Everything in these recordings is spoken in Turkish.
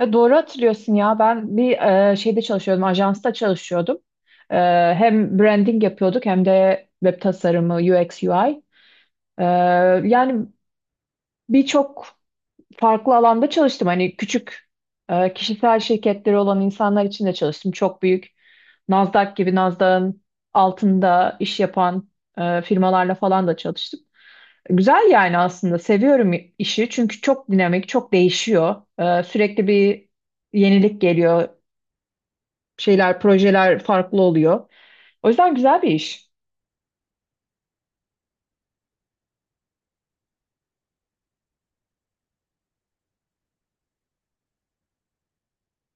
Ya doğru hatırlıyorsun ya. Ben bir şeyde çalışıyordum, ajansta çalışıyordum. E, hem branding yapıyorduk hem de web tasarımı, UX, UI. E, yani birçok farklı alanda çalıştım. Hani küçük kişisel şirketleri olan insanlar için de çalıştım. Çok büyük Nasdaq gibi Nasdaq'ın altında iş yapan firmalarla falan da çalıştım. Güzel yani aslında seviyorum işi çünkü çok dinamik, çok değişiyor. Sürekli bir yenilik geliyor şeyler, projeler farklı oluyor. O yüzden güzel bir iş.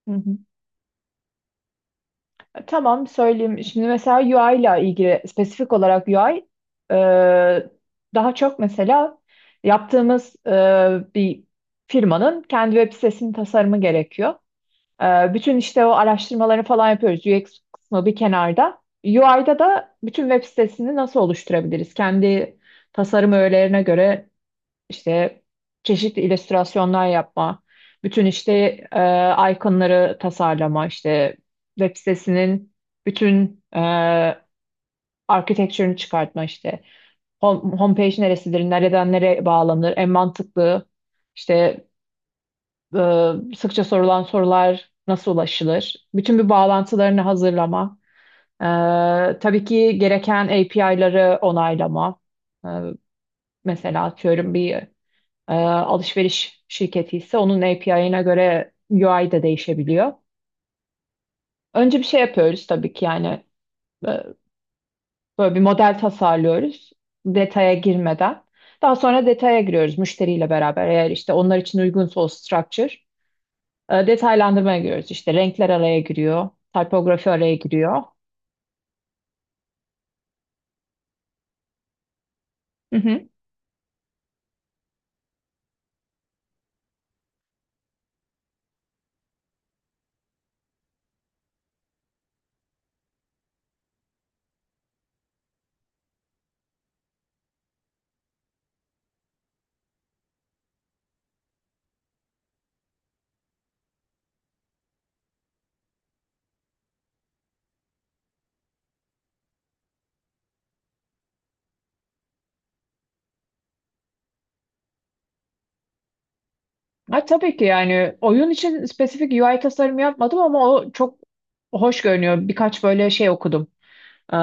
Hı hı. Tamam söyleyeyim. Şimdi mesela UI ile ilgili spesifik olarak UI e, daha çok mesela yaptığımız bir firmanın kendi web sitesinin tasarımı gerekiyor. Bütün işte o araştırmalarını falan yapıyoruz. UX kısmı bir kenarda. UI'da da bütün web sitesini nasıl oluşturabiliriz? Kendi tasarım öğelerine göre işte çeşitli illüstrasyonlar yapma, bütün işte iconları tasarlama, işte web sitesinin bütün architecture'ını çıkartma işte. Home, homepage neresidir, nereden nereye bağlanır, en mantıklı işte e, sıkça sorulan sorular nasıl ulaşılır? Bütün bir bağlantılarını hazırlama. E, tabii ki gereken API'ları onaylama. E, mesela atıyorum bir alışveriş şirketi ise onun API'ine göre UI de değişebiliyor. Önce bir şey yapıyoruz tabii ki yani e, böyle bir model tasarlıyoruz detaya girmeden. Daha sonra detaya giriyoruz müşteriyle beraber. Eğer işte onlar için uygunsa o structure. Detaylandırmaya giriyoruz işte renkler araya giriyor, typografi araya giriyor. Hı hı. Ha, tabii ki yani oyun için spesifik UI tasarımı yapmadım ama o çok hoş görünüyor. Birkaç böyle şey okudum. E,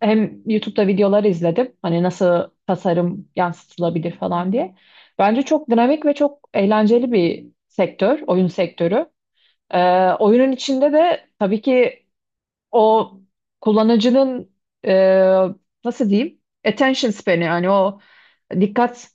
hem YouTube'da videolar izledim. Hani nasıl tasarım yansıtılabilir falan diye. Bence çok dinamik ve çok eğlenceli bir sektör, oyun sektörü. E, oyunun içinde de tabii ki o kullanıcının e, nasıl diyeyim attention span'i yani o dikkat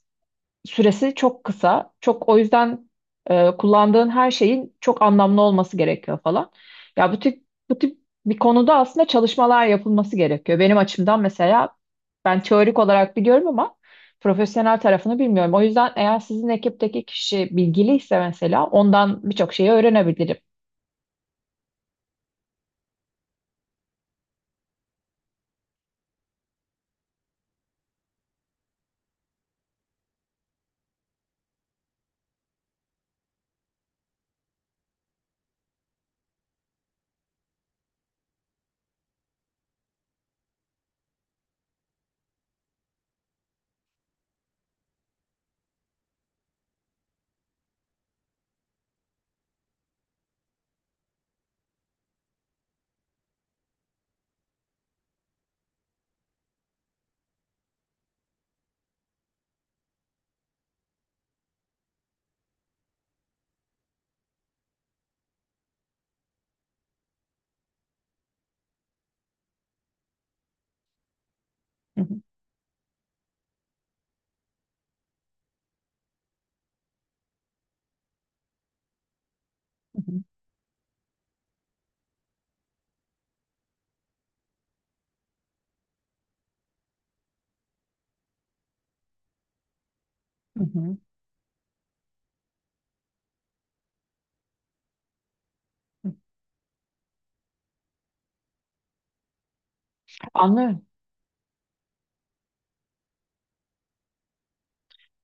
süresi çok kısa. Çok o yüzden kullandığın her şeyin çok anlamlı olması gerekiyor falan. Ya bu tip bir konuda aslında çalışmalar yapılması gerekiyor. Benim açımdan mesela ben teorik olarak biliyorum ama profesyonel tarafını bilmiyorum. O yüzden eğer sizin ekipteki kişi bilgiliyse mesela ondan birçok şeyi öğrenebilirim. Hı hı, hı hı, hı hı. Anlıyorum.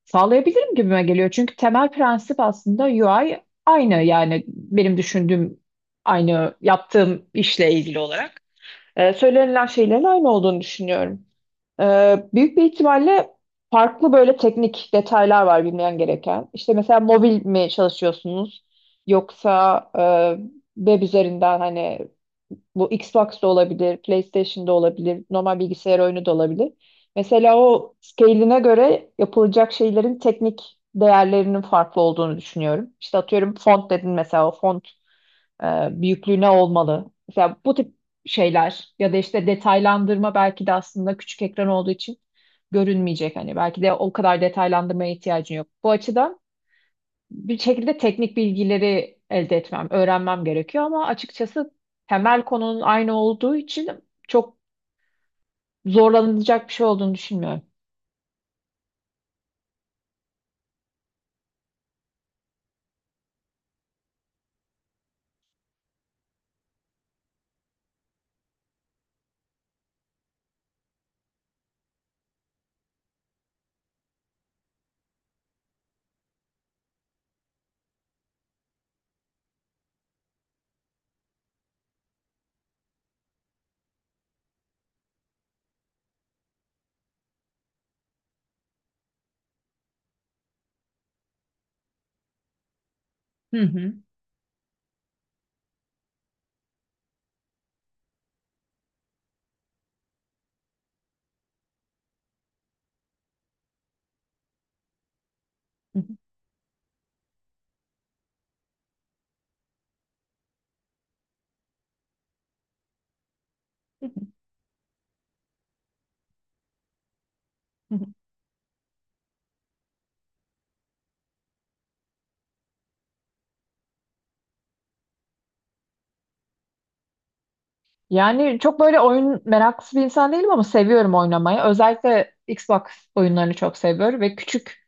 Sağlayabilirim gibime geliyor. Çünkü temel prensip aslında UI aynı yani benim düşündüğüm aynı yaptığım işle ilgili olarak. Söylenilen şeylerin aynı olduğunu düşünüyorum. Büyük bir ihtimalle farklı böyle teknik detaylar var bilmeyen gereken. İşte mesela mobil mi çalışıyorsunuz yoksa web üzerinden hani bu Xbox da olabilir, PlayStation da olabilir, normal bilgisayar oyunu da olabilir. Mesela o scale'ine göre yapılacak şeylerin teknik değerlerinin farklı olduğunu düşünüyorum. İşte atıyorum font dedin mesela o font e, büyüklüğüne olmalı. Mesela bu tip şeyler ya da işte detaylandırma belki de aslında küçük ekran olduğu için görünmeyecek. Hani belki de o kadar detaylandırmaya ihtiyacın yok. Bu açıdan bir şekilde teknik bilgileri elde etmem, öğrenmem gerekiyor ama açıkçası temel konunun aynı olduğu için çok zorlanılacak bir şey olduğunu düşünmüyorum. Hı hı. Hı hı. Hı hı. Hı hı. Yani çok böyle oyun meraklısı bir insan değilim ama seviyorum oynamayı. Özellikle Xbox oyunlarını çok seviyorum ve küçük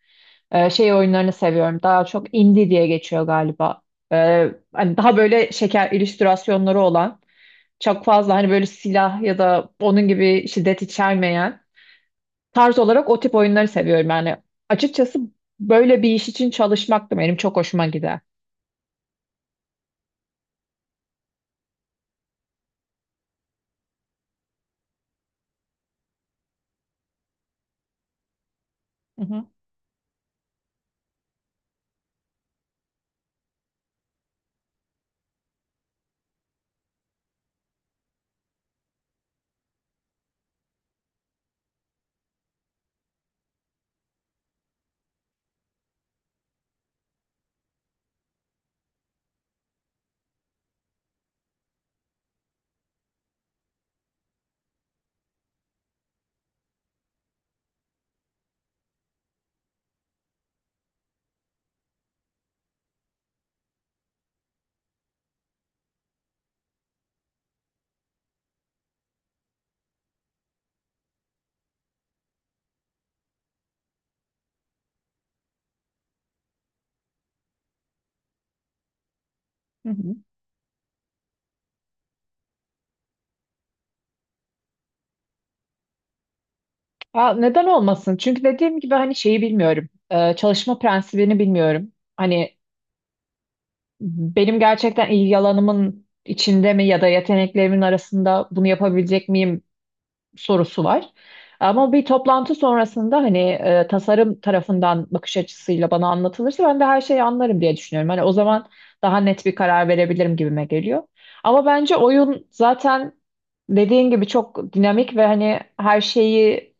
Şey oyunlarını seviyorum. Daha çok indie diye geçiyor galiba. Hani daha böyle şeker illüstrasyonları olan, çok fazla hani böyle silah ya da onun gibi şiddet içermeyen tarz olarak o tip oyunları seviyorum. Yani açıkçası böyle bir iş için çalışmak da benim çok hoşuma gider. Hı hı. Hı hı. Aa, neden olmasın? Çünkü dediğim gibi hani şeyi bilmiyorum. Çalışma prensibini bilmiyorum. Hani benim gerçekten ilgi alanımın içinde mi ya da yeteneklerimin arasında bunu yapabilecek miyim sorusu var. Ama bir toplantı sonrasında hani tasarım tarafından bakış açısıyla bana anlatılırsa ben de her şeyi anlarım diye düşünüyorum. Hani o zaman daha net bir karar verebilirim gibime geliyor. Ama bence oyun zaten dediğin gibi çok dinamik ve hani her şeyi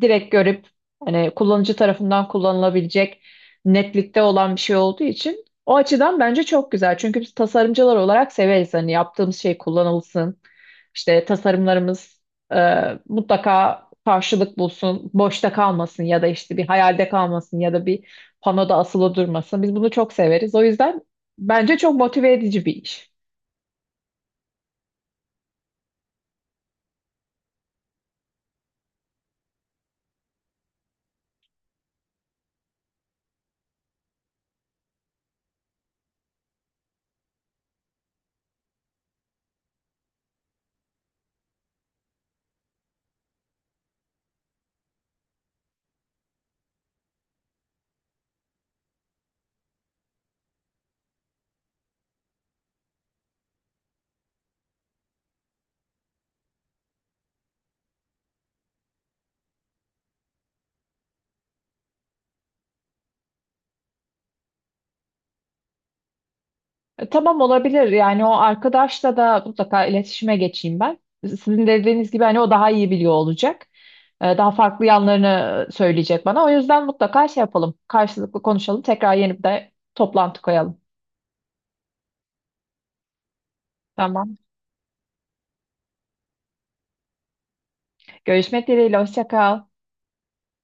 direkt görüp hani kullanıcı tarafından kullanılabilecek netlikte olan bir şey olduğu için o açıdan bence çok güzel. Çünkü biz tasarımcılar olarak severiz hani yaptığımız şey kullanılsın. İşte tasarımlarımız e, mutlaka karşılık bulsun, boşta kalmasın ya da işte bir hayalde kalmasın ya da bir panoda asılı durmasın. Biz bunu çok severiz. O yüzden bence çok motive edici bir iş. Tamam olabilir. Yani o arkadaşla da mutlaka iletişime geçeyim ben. Sizin dediğiniz gibi hani o daha iyi biliyor olacak. Daha farklı yanlarını söyleyecek bana. O yüzden mutlaka şey yapalım. Karşılıklı konuşalım. Tekrar yeni bir de toplantı koyalım. Tamam. Görüşmek dileğiyle. Hoşça kal.